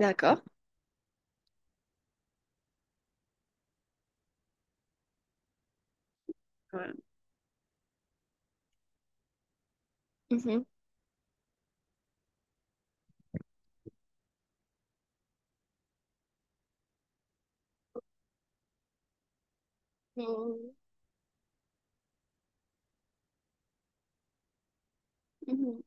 D'accord. Ouais. Mhm. Mhm. Mhm.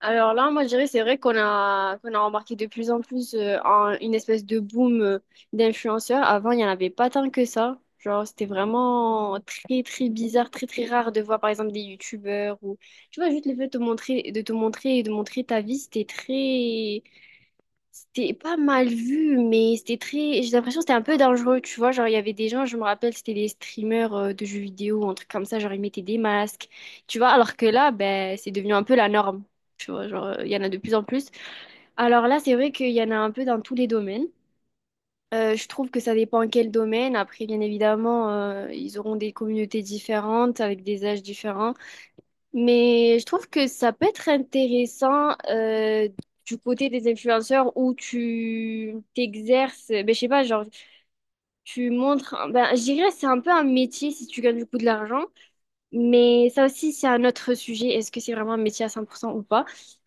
Alors là, moi, je dirais, c'est vrai qu'on a remarqué de plus en plus une espèce de boom d'influenceurs. Avant, il n'y en avait pas tant que ça. Genre, c'était vraiment très, très bizarre, très, très rare de voir, par exemple, des youtubeurs ou, tu vois, juste le fait de te montrer, et de montrer ta vie, c'était pas mal vu, mais c'était très. J'ai l'impression que c'était un peu dangereux, tu vois. Genre, il y avait des gens, je me rappelle, c'était des streamers de jeux vidéo, ou un truc comme ça. Genre, ils mettaient des masques, tu vois. Alors que là, ben, c'est devenu un peu la norme, tu vois. Genre, il y en a de plus en plus. Alors là, c'est vrai qu'il y en a un peu dans tous les domaines. Je trouve que ça dépend quel domaine. Après, bien évidemment, ils auront des communautés différentes, avec des âges différents. Mais je trouve que ça peut être intéressant du côté des influenceurs où tu t'exerces, ben, je sais pas, genre tu montres, ben, je dirais c'est un peu un métier si tu gagnes du coup de l'argent, mais ça aussi, c'est un autre sujet. Est-ce que c'est vraiment un métier à 100% ou pas?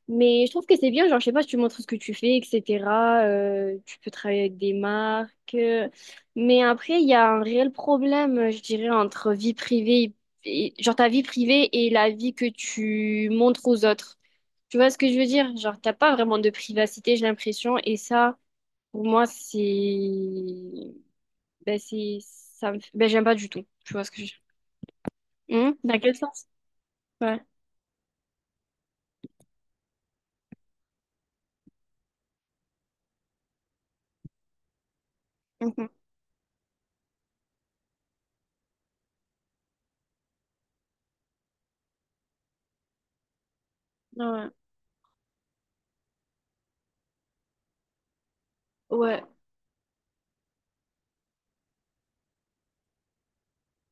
Mais je trouve que c'est bien, genre, je sais pas, tu montres ce que tu fais, etc. Tu peux travailler avec des marques. Mais après, il y a un réel problème, je dirais, entre vie privée et genre, ta vie privée et la vie que tu montres aux autres. Tu vois ce que je veux dire? Genre, t'as pas vraiment de privacité, j'ai l'impression. Et ça, pour moi, c'est, ben, j'aime pas du tout. Tu vois ce que je veux dire? Dans quel sens? Ouais. Ouais, ouais,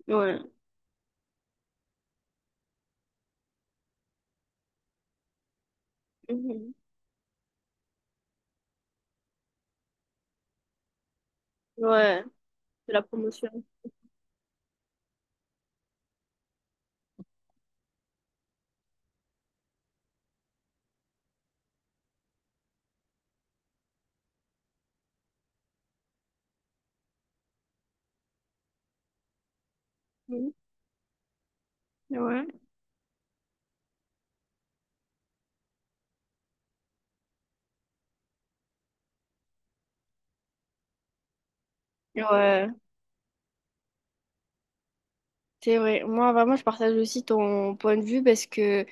ouais. Mhm. Ouais, c'est la promotion. Mhm. Ouais, ouais, c'est vrai. Moi, vraiment, je partage aussi ton point de vue parce que,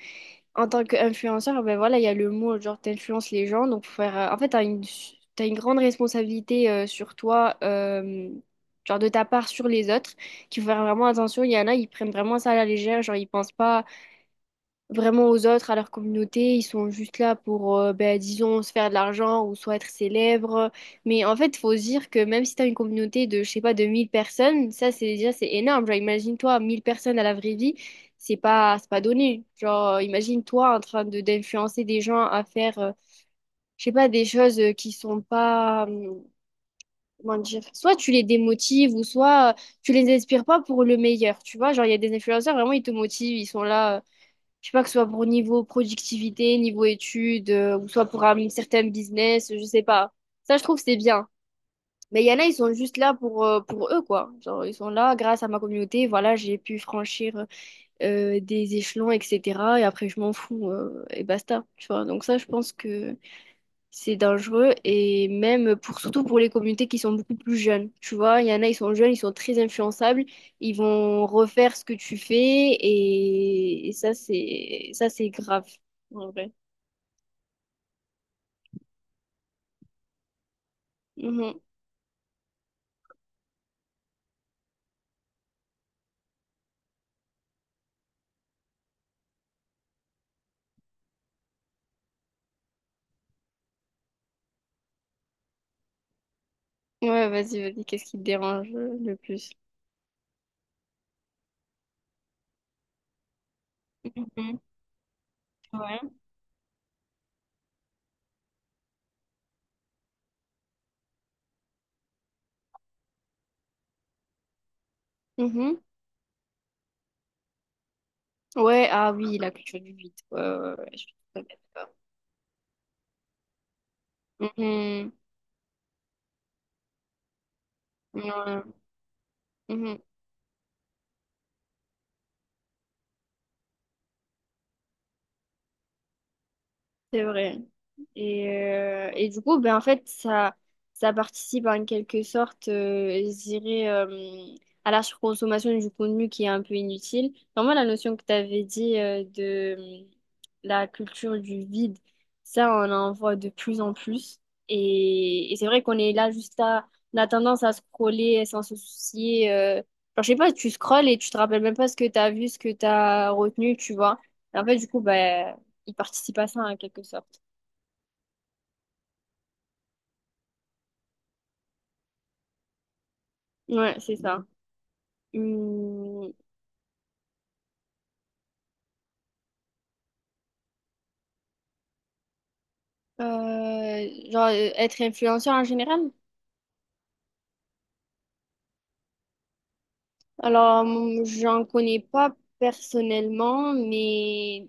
en tant qu'influenceur, ben voilà, il y a le mot, genre, t'influences les gens. Donc, faut faire. En fait, t'as une grande responsabilité sur toi, genre, de ta part sur les autres, qu'il faut faire vraiment attention. Il y en a, ils prennent vraiment ça à la légère, genre, ils pensent pas, vraiment aux autres, à leur communauté. Ils sont juste là pour, ben, disons, se faire de l'argent ou soit être célèbres. Mais en fait, il faut se dire que même si tu as une communauté de, je sais pas, de 1000 personnes, ça, c'est déjà, c'est énorme. Genre, imagine-toi, 1000 personnes à la vraie vie, c'est pas donné. Genre, imagine-toi en train de d'influencer des gens à faire, je sais pas, des choses qui sont pas. Comment dire? Soit tu les démotives ou soit tu les inspires pas pour le meilleur, tu vois. Genre, il y a des influenceurs, vraiment, ils te motivent, ils sont là. Je sais pas, que ce soit pour niveau productivité, niveau études, ou soit pour un certain business, je sais pas. Ça, je trouve que c'est bien. Mais il y en a, ils sont juste là pour eux, quoi. Genre, ils sont là, grâce à ma communauté, voilà, j'ai pu franchir des échelons, etc. Et après, je m'en fous, et basta. Tu vois, donc ça, je pense que c'est dangereux et même pour surtout pour les communautés qui sont beaucoup plus jeunes. Tu vois, il y en a, ils sont jeunes, ils sont très influençables, ils vont refaire ce que tu fais et ça c'est grave en vrai. Mhm. Ouais, vas-y, vas-y, qu'est-ce qui te dérange le plus? Mhm. Ouais. Mhm. Ouais, ah oui, la culture du vide. Ouais, ouais, ouais, je suis tout à fait d'accord. Mhm. Ouais. Mhm. C'est vrai. Et du coup, ben, en fait, ça participe en quelque sorte, je dirais, à la surconsommation du contenu qui est un peu inutile. Vraiment, la notion que tu avais dit de la culture du vide, ça, on en voit de plus en plus. Et c'est vrai qu'on est là juste à. On a tendance à scroller sans se soucier. Genre, je sais pas, tu scrolles et tu te rappelles même pas ce que tu as vu, ce que tu as retenu, tu vois. Et en fait, du coup, bah, il participe à ça en quelque sorte. Ouais, c'est ça. Hum, genre, être influenceur en général? Alors, j'en connais pas personnellement, mais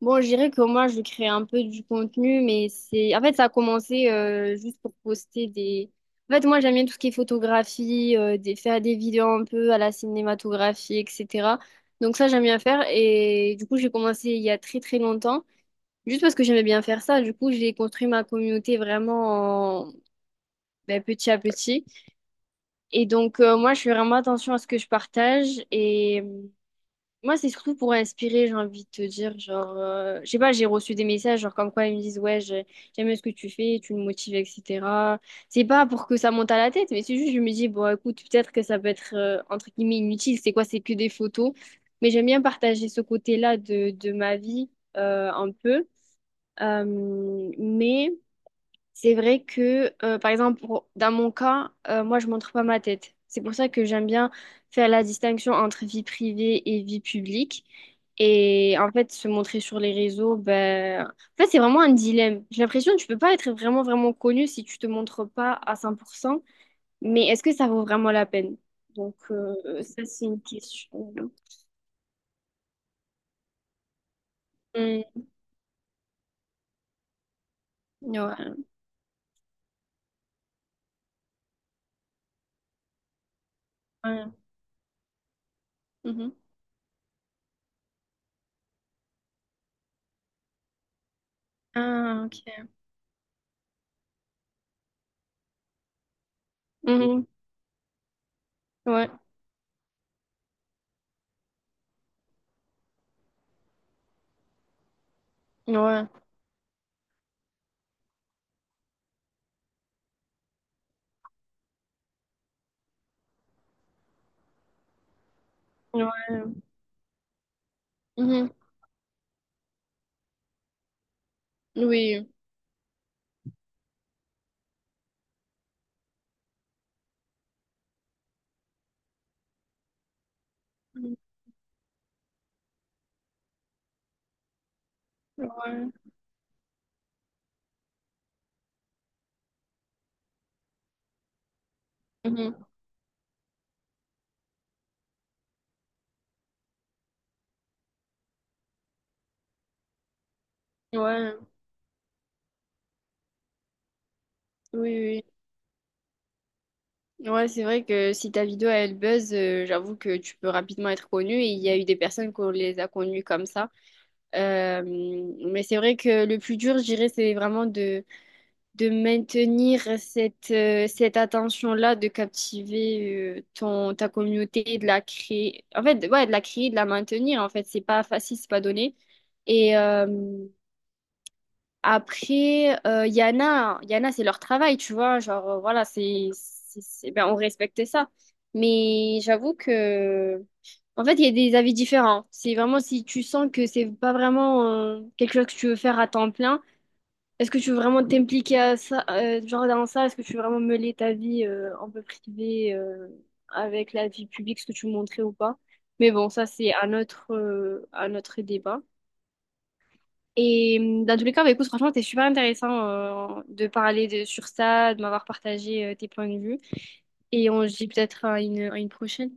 bon, je dirais que moi, je crée un peu du contenu, mais c'est. En fait, ça a commencé juste pour poster des. En fait, moi, j'aime bien tout ce qui est photographie, faire des vidéos un peu à la cinématographie, etc. Donc ça, j'aime bien faire. Et du coup, j'ai commencé il y a très, très longtemps. Juste parce que j'aimais bien faire ça, du coup, j'ai construit ma communauté vraiment ben, petit à petit. Et donc, moi, je fais vraiment attention à ce que je partage. Et moi, c'est surtout pour inspirer, j'ai envie de te dire. Genre, je sais pas, j'ai reçu des messages, genre, comme quoi ils me disent, ouais, j'aime ce que tu fais, tu me motives, etc. C'est pas pour que ça monte à la tête, mais c'est juste, je me dis, bon, écoute, peut-être que ça peut être, entre guillemets, inutile. C'est quoi? C'est que des photos. Mais j'aime bien partager ce côté-là de ma vie, un peu. Euh, mais. C'est vrai que, par exemple, dans mon cas, moi, je montre pas ma tête. C'est pour ça que j'aime bien faire la distinction entre vie privée et vie publique. Et en fait, se montrer sur les réseaux, ben. En fait, c'est vraiment un dilemme. J'ai l'impression que tu peux pas être vraiment, vraiment connu si tu te montres pas à 100%. Mais est-ce que ça vaut vraiment la peine? Donc, ça, c'est une question. Mm, ouais, ouais. Mhm. Ah, ok. Mhm. Ouais, ouais, ouais. Mhm. Oui. Ouais. Mhm. Ouais. Oui, oui. Oui. Ouais, c'est vrai que si ta vidéo elle buzz, j'avoue que tu peux rapidement être connu et il y a eu des personnes qu'on les a connues comme ça. Euh, mais c'est vrai que le plus dur, je dirais, c'est vraiment de maintenir cette attention-là, de captiver ta communauté, de la créer. En fait, ouais, de la créer, de la maintenir. En fait, c'est pas facile, c'est pas donné. Et, Après, il y en a, c'est leur travail, tu vois. Genre, voilà, ben, on respectait ça. Mais j'avoue que, en fait, il y a des avis différents. C'est vraiment si tu sens que c'est pas vraiment quelque chose que tu veux faire à temps plein. Est-ce que tu veux vraiment t'impliquer à ça, genre dans ça? Est-ce que tu veux vraiment mêler ta vie un peu privée avec la vie publique, ce que tu montrais ou pas? Mais bon, ça, c'est un autre débat. Et dans tous les cas, bah, écoute, franchement, c'était super intéressant de parler de, sur ça, de m'avoir partagé tes points de vue. Et on se dit peut-être à une prochaine.